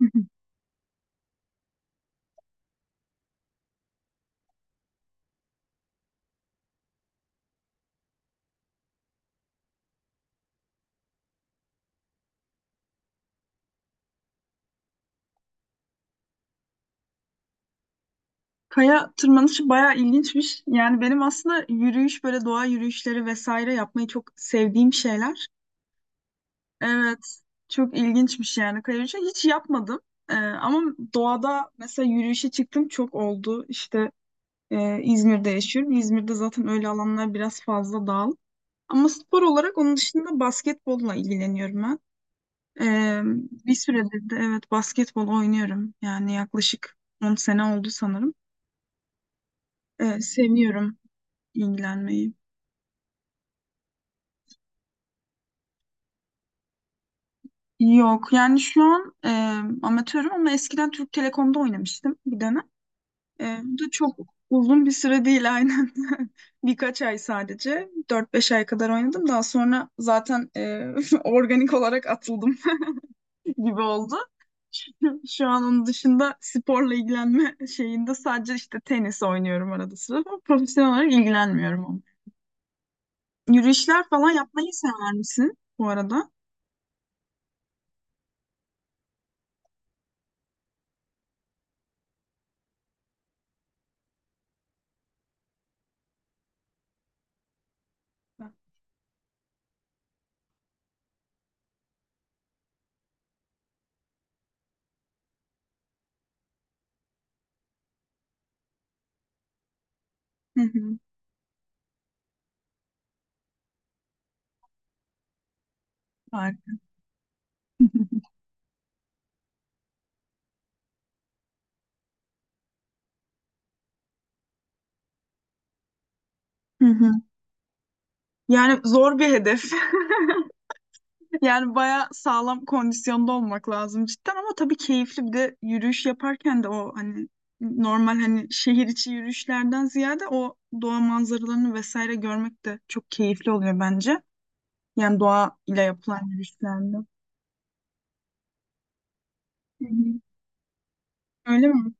Hı hı. Kaya tırmanışı bayağı ilginçmiş. Yani benim aslında yürüyüş böyle doğa yürüyüşleri vesaire yapmayı çok sevdiğim şeyler. Evet, çok ilginçmiş yani kaya yürüyüşü. Hiç yapmadım. Ama doğada mesela yürüyüşe çıktım çok oldu. İşte İzmir'de yaşıyorum. İzmir'de zaten öyle alanlar biraz fazla dağıl. Ama spor olarak onun dışında basketbolla ilgileniyorum ben. Ee, bir süredir de evet basketbol oynuyorum. Yani yaklaşık 10 sene oldu sanırım. Seviyorum ilgilenmeyi. Yok yani şu an amatörüm ama eskiden Türk Telekom'da oynamıştım bir dönem. Bu da çok uzun bir süre değil aynen. Birkaç ay sadece. 4-5 ay kadar oynadım. Daha sonra zaten organik olarak atıldım gibi oldu. Şu an onun dışında sporla ilgilenme şeyinde sadece işte tenis oynuyorum arada sırada. Profesyonel olarak ilgilenmiyorum ama. Yürüyüşler falan yapmayı sever misin bu arada? Hı hı. Harika. Yani zor bir hedef. Yani bayağı sağlam kondisyonda olmak lazım cidden ama tabii keyifli bir de yürüyüş yaparken de o hani normal hani şehir içi yürüyüşlerden ziyade o doğa manzaralarını vesaire görmek de çok keyifli oluyor bence. Yani doğa ile yapılan yürüyüşlerde. Hı hı. Öyle mi?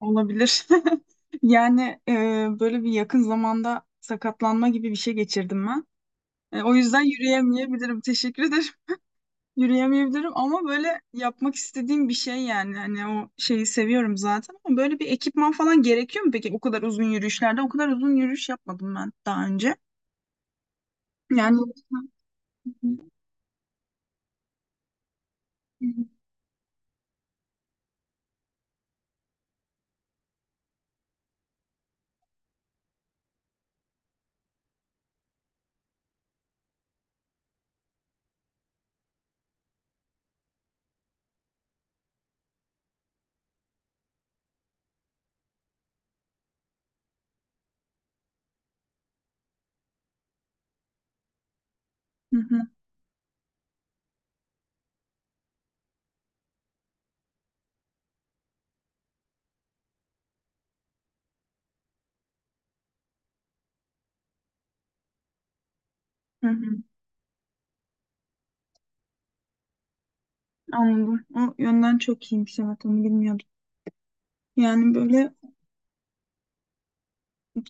Olabilir. Yani böyle bir yakın zamanda sakatlanma gibi bir şey geçirdim ben. O yüzden yürüyemeyebilirim. Teşekkür ederim. Yürüyemeyebilirim ama böyle yapmak istediğim bir şey yani. Hani o şeyi seviyorum zaten ama böyle bir ekipman falan gerekiyor mu peki o kadar uzun yürüyüşlerde? O kadar uzun yürüyüş yapmadım ben daha önce. Yani. Hı hı, hı hı. Anladım. O yönden çok iyiymiş, evet, onu bilmiyordum. Yani böyle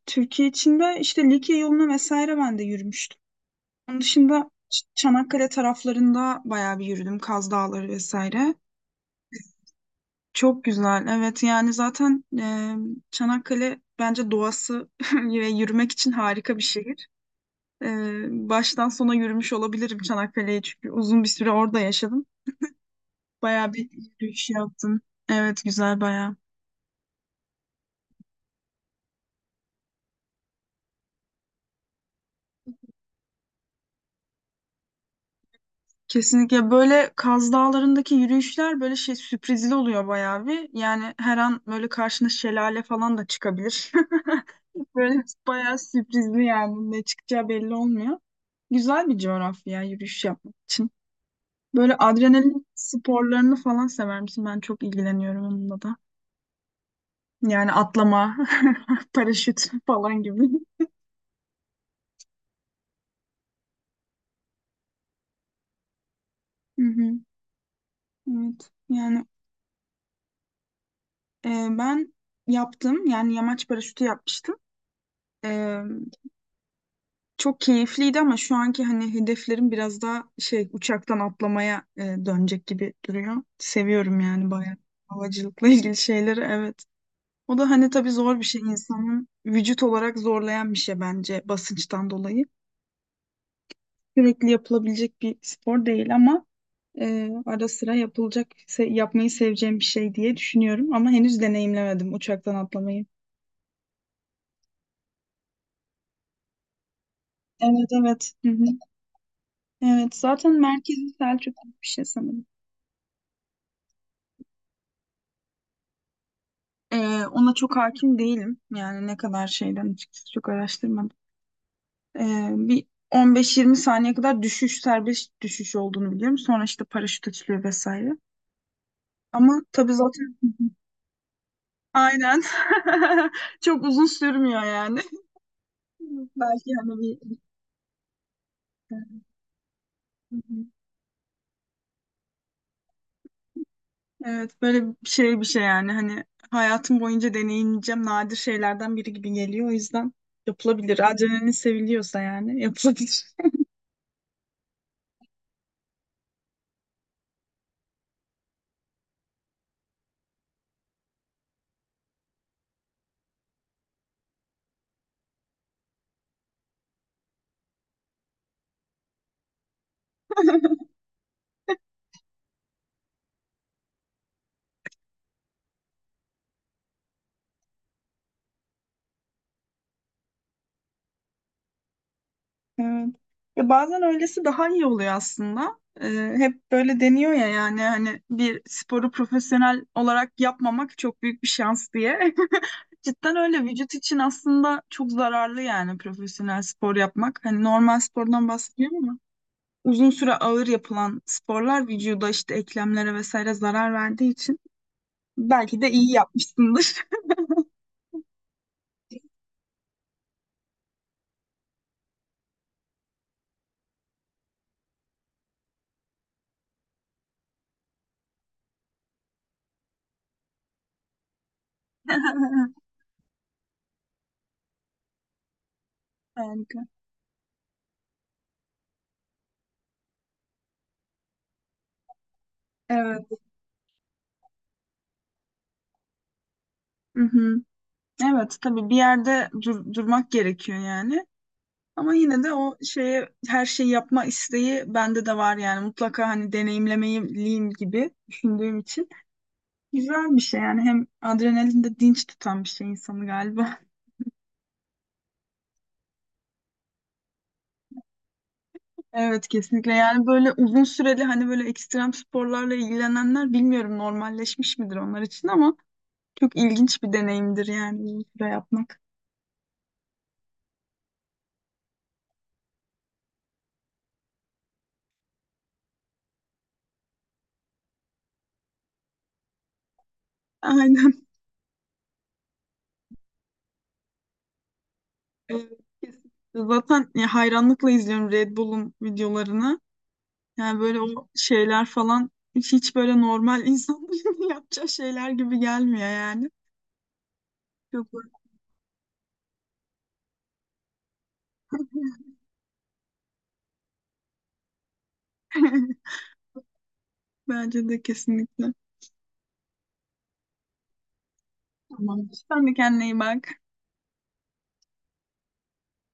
Türkiye içinde işte Likya yoluna vesaire ben de yürümüştüm. Onun dışında Çanakkale taraflarında bayağı bir yürüdüm. Kaz Dağları vesaire. Çok güzel. Evet yani zaten Çanakkale bence doğası ve yürümek için harika bir şehir. E, baştan sona yürümüş olabilirim Çanakkale'yi çünkü uzun bir süre orada yaşadım. Bayağı bir yürüyüş yaptım. Evet, güzel bayağı. Kesinlikle böyle Kaz Dağları'ndaki yürüyüşler böyle şey sürprizli oluyor bayağı bir. Yani her an böyle karşına şelale falan da çıkabilir. Böyle bayağı sürprizli yani ne çıkacağı belli olmuyor. Güzel bir coğrafya yürüyüş yapmak için. Böyle adrenalin sporlarını falan sever misin? Ben çok ilgileniyorum onunla da. Yani atlama, paraşüt falan gibi. Hı hı, evet. Yani e, ben yaptım. Yani yamaç paraşütü yapmıştım. E, çok keyifliydi ama şu anki hani hedeflerim biraz daha şey uçaktan atlamaya dönecek gibi duruyor. Seviyorum yani bayağı havacılıkla ilgili şeyleri. Evet. O da hani tabii zor bir şey insanın vücut olarak zorlayan bir şey bence basınçtan dolayı. Sürekli yapılabilecek bir spor değil ama ara sıra yapılacak, yapmayı seveceğim bir şey diye düşünüyorum ama henüz deneyimlemedim uçaktan atlamayı. Evet evet. Hı hı. Evet zaten merkezi Selçuk gibi bir şey sanırım. Ee, ona çok hakim değilim. Yani ne kadar şeyden açıkçası çok araştırmadım. Bir 15-20 saniye kadar düşüş serbest düşüş olduğunu biliyorum. Sonra işte paraşüt açılıyor vesaire. Ama tabii zaten aynen çok uzun sürmüyor yani. Belki hani bir... Hı hı. Evet böyle bir şey bir şey yani hani hayatım boyunca deneyimleyeceğim nadir şeylerden biri gibi geliyor. O yüzden yapılabilir. Adrenalin seviliyorsa yani yapılabilir. Evet. Ya bazen öylesi daha iyi oluyor aslında. Hep böyle deniyor ya yani hani bir sporu profesyonel olarak yapmamak çok büyük bir şans diye. Cidden öyle vücut için aslında çok zararlı yani profesyonel spor yapmak. Hani normal spordan bahsediyorum ama uzun süre ağır yapılan sporlar vücuda işte eklemlere vesaire zarar verdiği için belki de iyi yapmışsındır. Harika. Evet. Hı hı. Evet tabii bir yerde durmak gerekiyor yani. Ama yine de o şeye her şeyi yapma isteği bende de var yani mutlaka hani deneyimlemeliyim gibi düşündüğüm için. Güzel bir şey yani hem adrenalin de dinç tutan bir şey insanı galiba. Evet kesinlikle yani böyle uzun süreli hani böyle ekstrem sporlarla ilgilenenler bilmiyorum normalleşmiş midir onlar için ama çok ilginç bir deneyimdir yani uzun süre yapmak. Aynen. Evet, kesinlikle. Zaten ya hayranlıkla izliyorum Red Bull'un videolarını. Yani böyle o şeyler falan hiç, hiç böyle normal insanların yapacağı şeyler gibi gelmiyor yani. Çok. Bence de kesinlikle. Tamam. Sen de kendine iyi bak.